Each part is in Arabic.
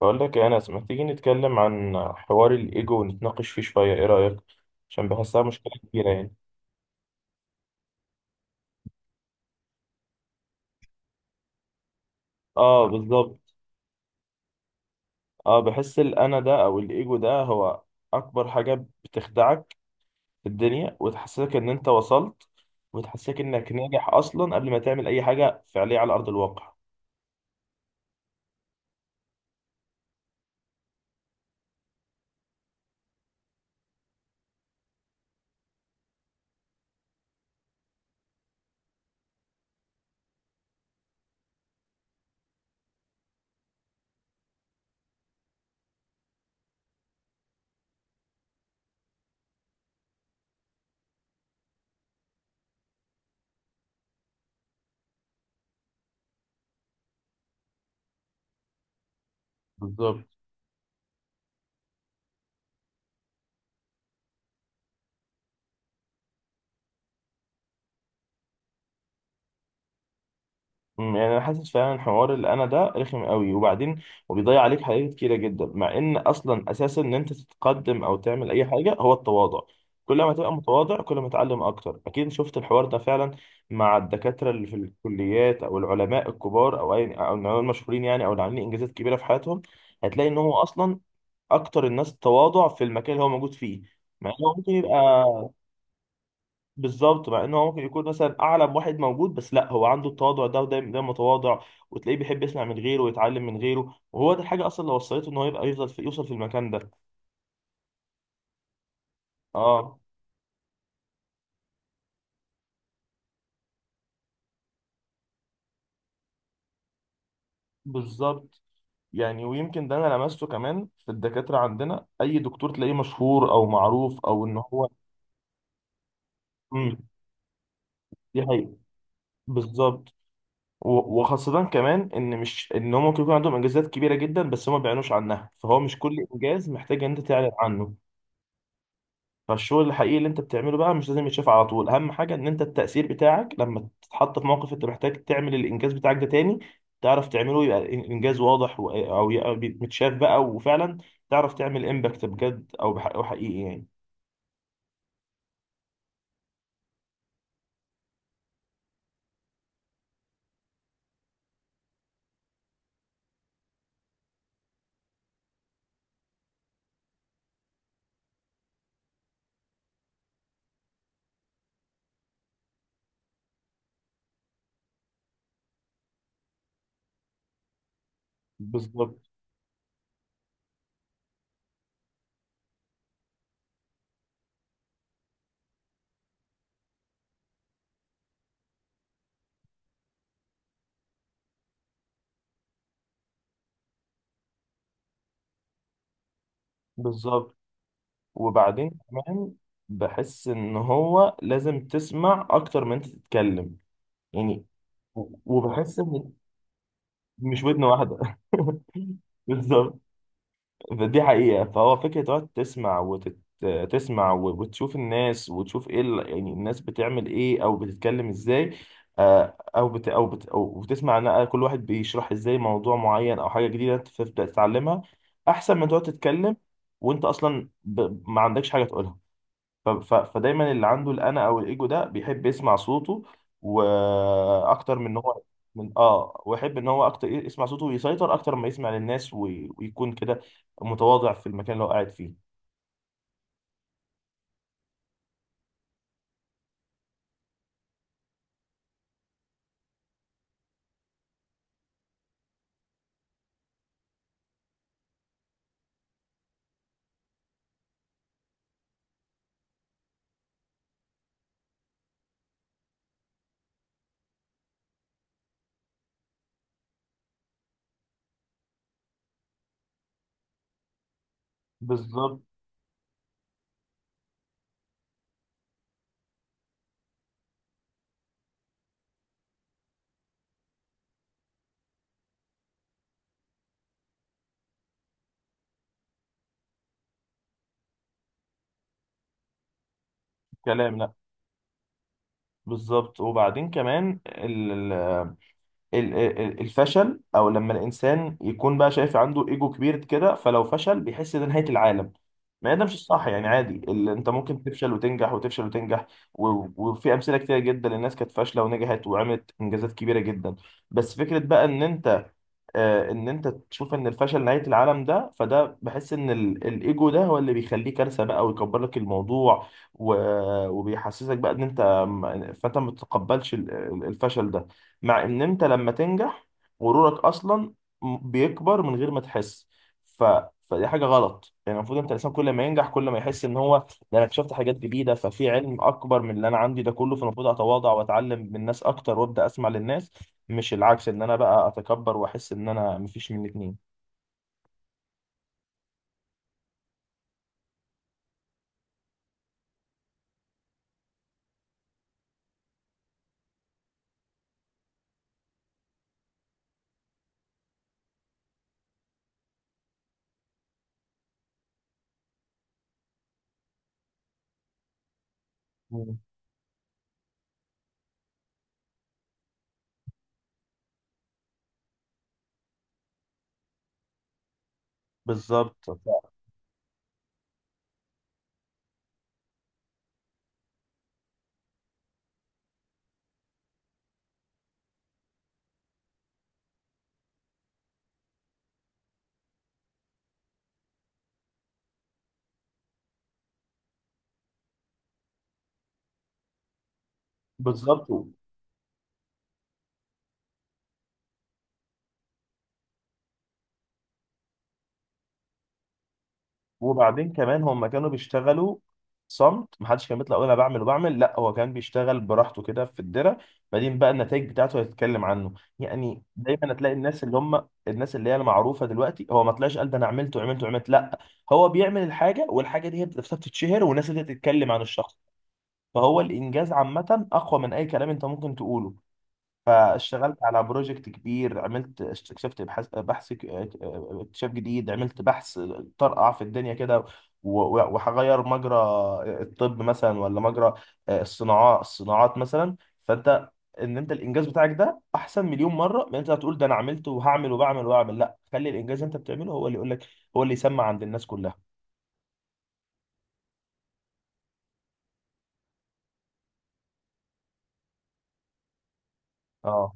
بقول لك يا انس، ما تيجي نتكلم عن حوار الايجو ونتناقش فيه شويه؟ ايه رايك؟ عشان بحسها مشكله كبيره يعني. اه، بالظبط. اه، بحس الانا ده او الايجو ده هو اكبر حاجه بتخدعك في الدنيا، وتحسسك ان انت وصلت، وتحسسك انك ناجح اصلا قبل ما تعمل اي حاجه فعليه على ارض الواقع. بالظبط. يعني انا حاسس فعلا حوار الانا ده رخم قوي. وبعدين وبيضيع عليك حاجات كتيره جدا، مع ان اصلا اساسا ان انت تتقدم او تعمل اي حاجه هو التواضع. كل ما تبقى متواضع كل ما تعلم اكتر. اكيد شفت الحوار ده فعلا مع الدكاتره اللي في الكليات او العلماء الكبار او اي او العلماء المشهورين يعني، او اللي عاملين انجازات كبيره في حياتهم. هتلاقي ان هو اصلا اكتر الناس تواضع في المكان اللي هو موجود فيه. مع انه ممكن يبقى، بالظبط، مع انه هو ممكن يكون مثلا اعلى واحد موجود، بس لا، هو عنده التواضع ده ودايما دايما متواضع، وتلاقيه بيحب يسمع من غيره ويتعلم من غيره، وهو ده الحاجه اصلا اللي وصلته، ان هو يبقى يفضل في يوصل في المكان ده. اه، بالظبط. يعني ويمكن ده انا لمسته كمان في الدكاتره عندنا، اي دكتور تلاقيه مشهور او معروف او ان هو. امم، دي حقيقة. بالظبط. و- وخاصة كمان ان مش ان هم ممكن يكون عندهم انجازات كبيرة جدا، بس هم ما بيعلنوش عنها. فهو مش كل انجاز محتاج ان انت تعلن عنه. فالشغل الحقيقي اللي انت بتعمله بقى مش لازم يتشاف على طول. اهم حاجه ان انت التاثير بتاعك، لما تتحط في موقف انت محتاج تعمل الانجاز بتاعك ده تاني تعرف تعمله، يبقى الانجاز واضح او يبقى متشاف بقى. وفعلا تعرف تعمل امباكت بجد او حقيقي يعني. بالظبط بالظبط. وبعدين كمان بحس ان هو لازم تسمع اكتر من انت تتكلم. يعني و- وبحس ان مش ودن واحده بالظبط، دي حقيقة. فهو فكرة تقعد تسمع تسمع و- وتشوف الناس، وتشوف ايه يعني الناس بتعمل ايه او بتتكلم ازاي. او بتسمع ان كل واحد بيشرح ازاي موضوع معين او حاجة جديدة انت تبدأ تتعلمها، احسن من تقعد تتكلم وانت اصلا ما عندكش حاجة تقولها. ف- ف- فدايما اللي عنده الانا او الايجو ده بيحب يسمع صوته، واكتر من ان هو من اه ويحب ان هو اكتر يسمع صوته ويسيطر اكتر ما يسمع للناس، وي- ويكون كده متواضع في المكان اللي هو قاعد فيه. بالظبط. كلام، لا. بالظبط. وبعدين كمان ال- ال- الفشل، او لما الانسان يكون بقى شايف عنده ايجو كبير كده، فلو فشل بيحس ده نهايه العالم. ما هي ده مش الصح يعني، عادي، انت ممكن تفشل وتنجح وتفشل وتنجح. و- وفي امثله كتير جدا للناس كانت فاشله ونجحت وعملت انجازات كبيره جدا. بس فكره بقى ان انت، ان انت تشوف ان الفشل نهايه العالم ده، فده بحس ان ال- الايجو ده هو اللي بيخليه كارثه بقى ويكبر لك الموضوع، و- وبيحسسك بقى ان انت، فانت ما تتقبلش الفشل ده. مع ان انت لما تنجح غرورك اصلا بيكبر من غير ما تحس. ف... فدي حاجه غلط يعني. المفروض انت الانسان كل ما ينجح كل ما يحس ان هو ده انا اكتشفت حاجات جديده، ففي علم اكبر من اللي انا عندي ده كله، فالمفروض اتواضع واتعلم من الناس اكتر وابدا اسمع للناس، مش العكس ان انا بقى اتكبر واحس ان انا. مفيش من الاتنين. مم. بالظبط بالظبط. وبعدين كمان هم كانوا بيشتغلوا صمت، محدش كان بيطلع يقول انا بعمل وبعمل، لا، هو كان بيشتغل براحته كده في الدرة. بعدين بقى النتائج بتاعته هيتكلم عنه. يعني دايما هتلاقي الناس اللي هم الناس اللي هي المعروفه دلوقتي، هو ما طلعش قال ده انا عملت وعملت وعملت، لا. هو بيعمل الحاجه، والحاجه دي هي نفسها بتتشهر والناس اللي تتكلم عن الشخص. فهو الانجاز عامه اقوى من اي كلام انت ممكن تقوله. فاشتغلت على بروجكت كبير، عملت، اكتشفت، اكتشاف جديد، عملت بحث طرقع في الدنيا كده، و- و- وهغير مجرى الطب مثلا، ولا مجرى الصناعات، الصناعات مثلا. فانت ان انت الانجاز بتاعك ده احسن مليون مره من انت هتقول ده انا عملت وهعمل وبعمل واعمل. لا، خلي الانجاز اللي انت بتعمله هو اللي يقول لك، هو اللي يسمع عند الناس كلها. اه.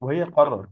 وهي قرر.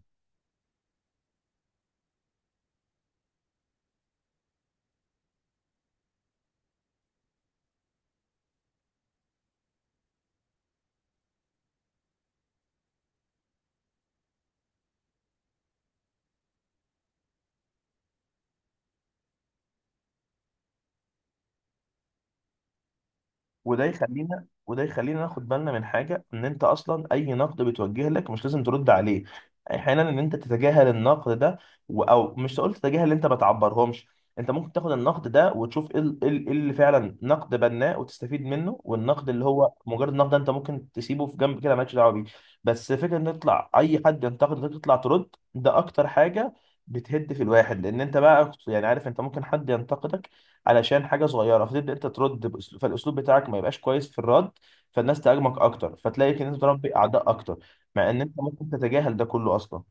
وده يخلينا ناخد بالنا من حاجه، ان انت اصلا اي نقد بيتوجه لك مش لازم ترد عليه. احيانا ان انت تتجاهل النقد ده، او مش تقول تتجاهل، انت ما تعبرهمش. انت ممكن تاخد النقد ده وتشوف ايه ال- إيه ال- إيه اللي فعلا نقد بناء وتستفيد منه، والنقد اللي هو مجرد نقد ده انت ممكن تسيبه في جنب كده مالكش دعوه بيه. بس فكره ان يطلع اي حد ينتقدك تطلع ترد، ده اكتر حاجه بتهد في الواحد، لان انت بقى يعني عارف انت ممكن حد ينتقدك علشان حاجه صغيره، فتبدا انت ترد باسلوب، فالاسلوب بتاعك ما يبقاش كويس في الرد، فالناس تهاجمك اكتر، فتلاقي ان انت تربي اعداء اكتر، مع ان انت ممكن تتجاهل ده كله اصلا.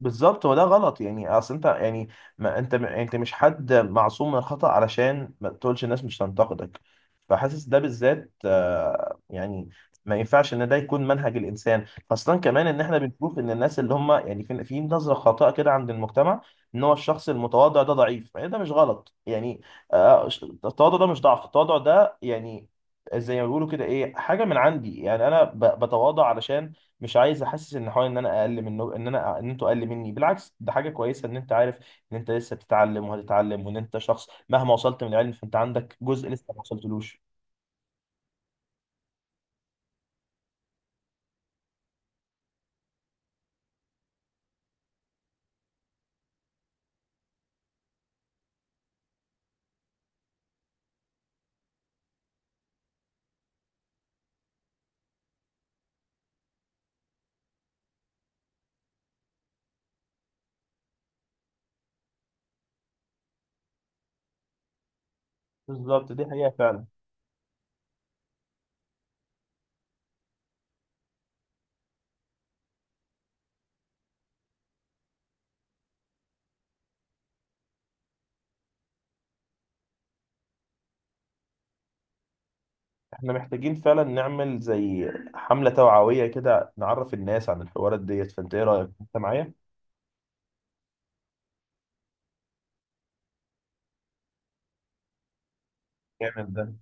بالظبط، وده غلط يعني. اصل انت يعني، ما انت انت مش حد معصوم من الخطأ علشان ما تقولش الناس مش تنتقدك. فحاسس ده بالذات يعني ما ينفعش ان ده يكون منهج الانسان، خاصة كمان ان احنا بنشوف ان الناس اللي هم يعني في في نظرة خاطئة كده عند المجتمع، ان هو الشخص المتواضع ده ضعيف يعني. ده مش غلط يعني. آه، التواضع ده مش ضعف. التواضع ده يعني زي ما بيقولوا كده، ايه حاجة من عندي. يعني انا بتواضع علشان مش عايز احسس ان حوالي ان انا اقل منه، ان انا، ان انتوا اقل مني. بالعكس، ده حاجه كويسه، ان انت عارف ان انت لسه بتتعلم وهتتعلم، وان انت شخص مهما وصلت من العلم فانت عندك جزء لسه ما وصلتلوش. بالظبط، دي حقيقه فعلا. احنا محتاجين فعلا نعمل زي حمله توعويه كده، نعرف الناس عن الحوارات ديت. فانت ايه رايك، انت معايا؟ جامد ده.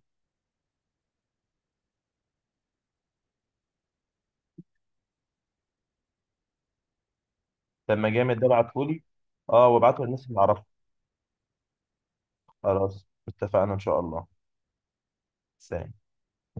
لما جامد ده، ابعتهولي. اه، وابعته للناس اللي اعرفها. خلاص، اتفقنا ان شاء الله. سلام.